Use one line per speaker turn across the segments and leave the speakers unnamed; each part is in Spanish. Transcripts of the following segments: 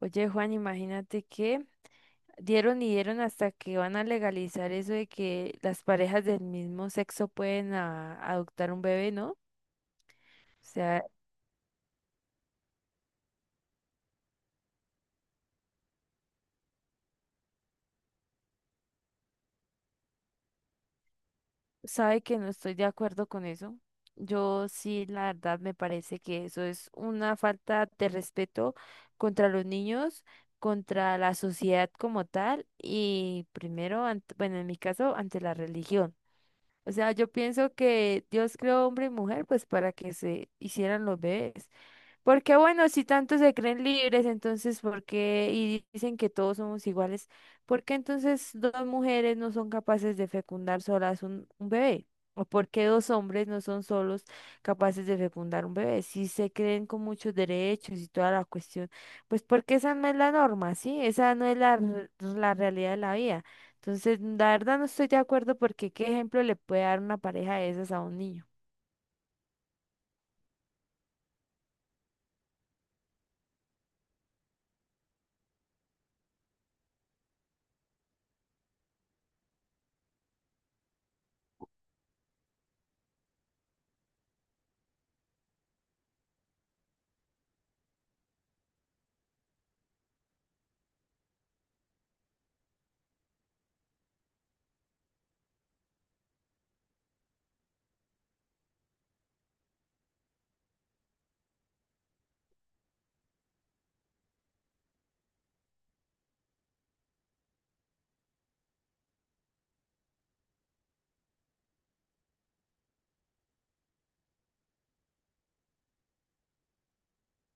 Oye, Juan, imagínate que dieron y dieron hasta que van a legalizar eso de que las parejas del mismo sexo pueden adoptar un bebé, ¿no? O sea, sabe que no estoy de acuerdo con eso. Yo sí, la verdad, me parece que eso es una falta de respeto contra los niños, contra la sociedad como tal y primero, bueno, en mi caso, ante la religión. O sea, yo pienso que Dios creó hombre y mujer pues para que se hicieran los bebés. Porque bueno, si tanto se creen libres, entonces ¿por qué? Y dicen que todos somos iguales, ¿por qué entonces dos mujeres no son capaces de fecundar solas un bebé? ¿O por qué dos hombres no son solos capaces de fecundar un bebé? Si se creen con muchos derechos y toda la cuestión, pues porque esa no es la norma, ¿sí? Esa no es la realidad de la vida. Entonces, la verdad no estoy de acuerdo porque ¿qué ejemplo le puede dar una pareja de esas a un niño?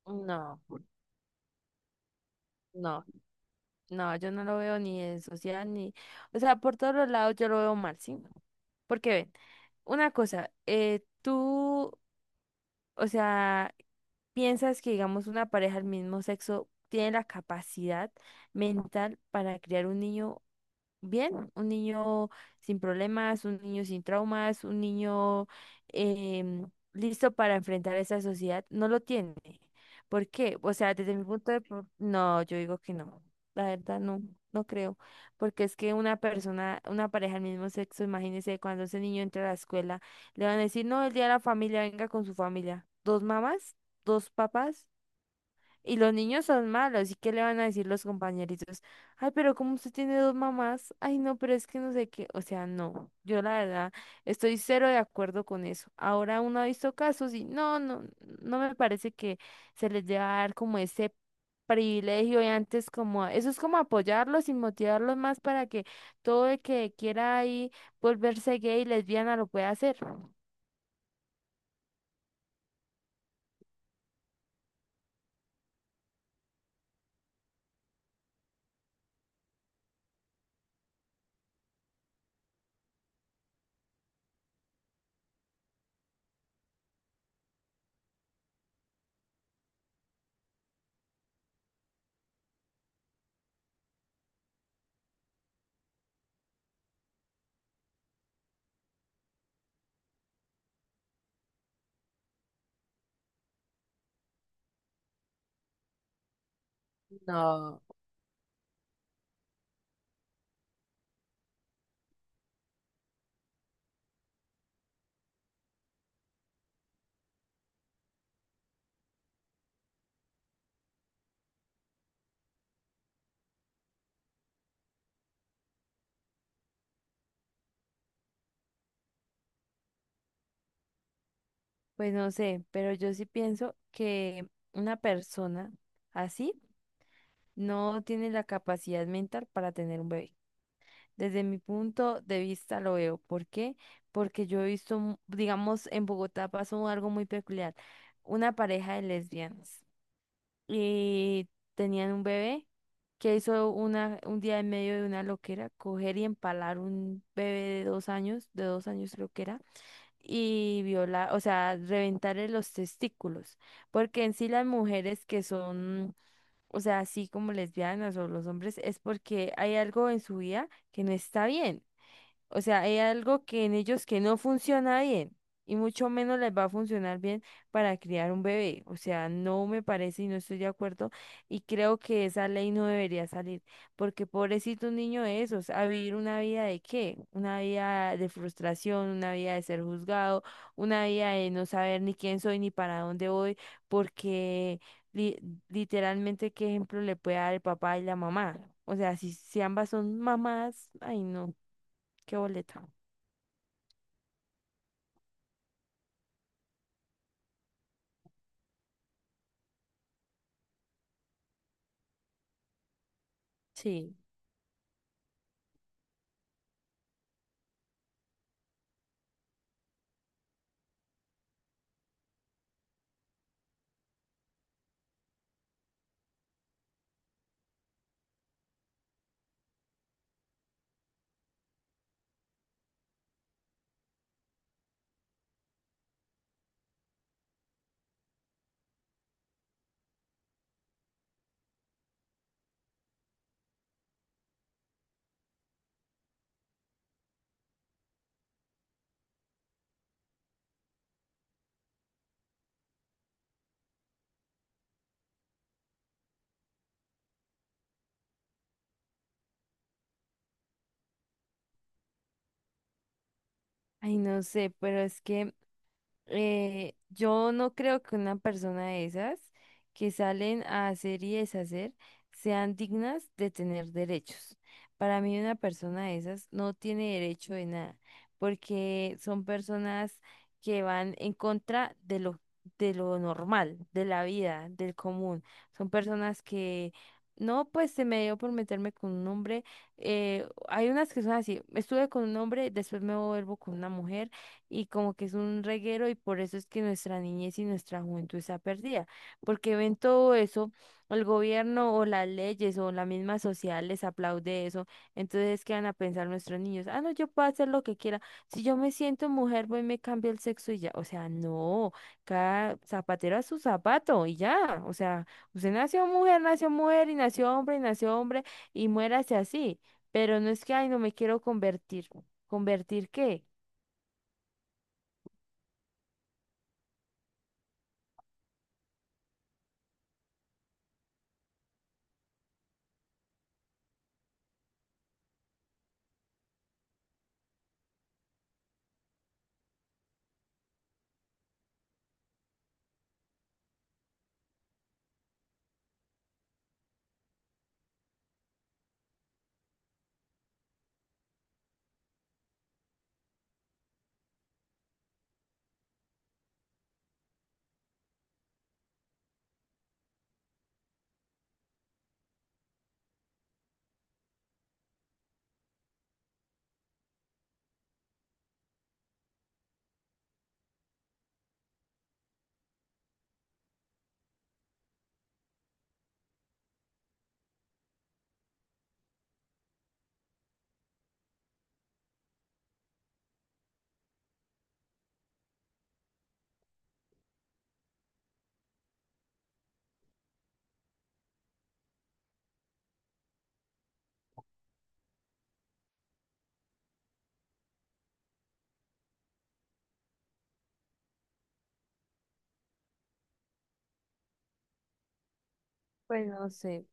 No, no. No, yo no lo veo ni en social ni, o sea, por todos los lados yo lo veo mal, ¿sí? Porque ven, una cosa, tú, o sea, piensas que, digamos, una pareja del mismo sexo tiene la capacidad mental para criar un niño bien, un niño sin problemas, un niño sin traumas, un niño em, listo para enfrentar esa sociedad, no lo tiene. ¿Por qué? O sea, desde mi punto de no, yo digo que no. La verdad no, no creo, porque es que una persona, una pareja del mismo sexo, imagínese cuando ese niño entra a la escuela, le van a decir, no, el día de la familia, venga con su familia. ¿Dos mamás? ¿Dos papás? Y los niños son malos, ¿y qué le van a decir los compañeritos? Ay, pero como usted tiene dos mamás, ay, no, pero es que no sé qué, o sea, no, yo la verdad estoy cero de acuerdo con eso. Ahora uno ha visto casos y no, no, no me parece que se les deba dar como ese privilegio y antes como, eso es como apoyarlos y motivarlos más para que todo el que quiera ahí volverse gay, lesbiana, lo pueda hacer. No. Pues no sé, pero yo sí pienso que una persona así no tiene la capacidad mental para tener un bebé. Desde mi punto de vista lo veo. ¿Por qué? Porque yo he visto, digamos, en Bogotá pasó algo muy peculiar. Una pareja de lesbianas y tenían un bebé que hizo una, un día en medio de una loquera, coger y empalar un bebé de dos años creo que era y violar, o sea, reventarle los testículos, porque en sí las mujeres que son, o sea, así como lesbianas o los hombres, es porque hay algo en su vida que no está bien. O sea, hay algo que en ellos que no funciona bien y mucho menos les va a funcionar bien para criar un bebé. O sea, no me parece y no estoy de acuerdo y creo que esa ley no debería salir porque pobrecito un niño de esos, ¿a vivir una vida de qué? Una vida de frustración, una vida de ser juzgado, una vida de no saber ni quién soy ni para dónde voy porque li- literalmente qué ejemplo le puede dar el papá y la mamá. O sea, si ambas son mamás, ay no. ¿Qué boleta? Sí. Ay, no sé, pero es que yo no creo que una persona de esas que salen a hacer y deshacer sean dignas de tener derechos. Para mí una persona de esas no tiene derecho de nada, porque son personas que van en contra de lo normal, de la vida, del común. Son personas que no, pues se me dio por meterme con un hombre. Hay unas que son así, estuve con un hombre, después me vuelvo con una mujer y como que es un reguero y por eso es que nuestra niñez y nuestra juventud está perdida, porque ven todo eso, el gobierno o las leyes o la misma sociedad les aplaude eso, entonces ¿qué van a pensar nuestros niños? Ah, no, yo puedo hacer lo que quiera, si yo me siento mujer, voy y me cambio el sexo y ya, o sea, no, cada zapatero a su zapato y ya, o sea, usted nació mujer y nació hombre y nació hombre y muérase así, pero no es que, ay, no me quiero convertir, ¿convertir qué? Pues no sé.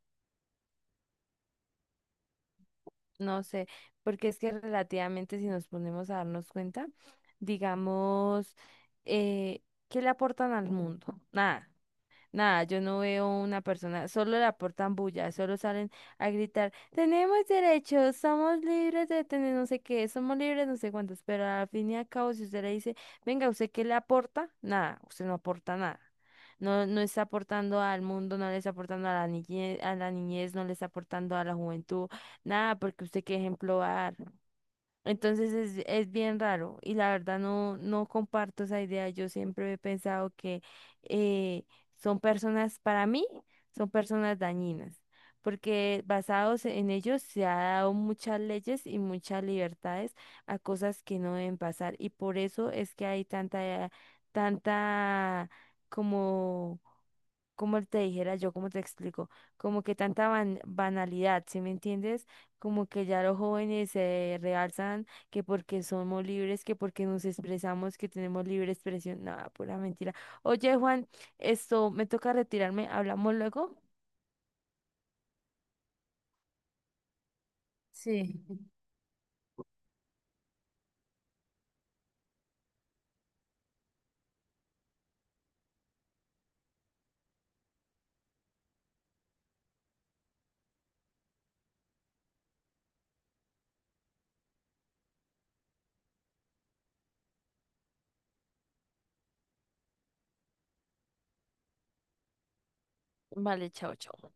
No sé, porque es que relativamente si nos ponemos a darnos cuenta, digamos, eh, ¿qué le aportan al mundo? Nada. Nada, yo no veo una persona, solo le aportan bulla, solo salen a gritar, tenemos derechos, somos libres de tener no sé qué, somos libres no sé cuántos, pero al fin y al cabo, si usted le dice, venga, ¿usted qué le aporta? Nada, usted no aporta nada. No, no está aportando al mundo, no le está aportando a la niñez, no le está aportando a la juventud, nada, porque usted qué ejemplo va a dar. Entonces es bien raro y la verdad no, no comparto esa idea. Yo siempre he pensado que eh, son personas, para mí, son personas dañinas, porque basados en ellos se ha dado muchas leyes y muchas libertades a cosas que no deben pasar y por eso es que hay tanta, tanta como como te dijera yo, como te explico, como que tanta banalidad, ¿sí me entiendes? Como que ya los jóvenes se realzan que porque somos libres, que porque nos expresamos, que tenemos libre expresión, nada, pura mentira. Oye, Juan, esto me toca retirarme, hablamos luego. Sí. Vale, chao, chao.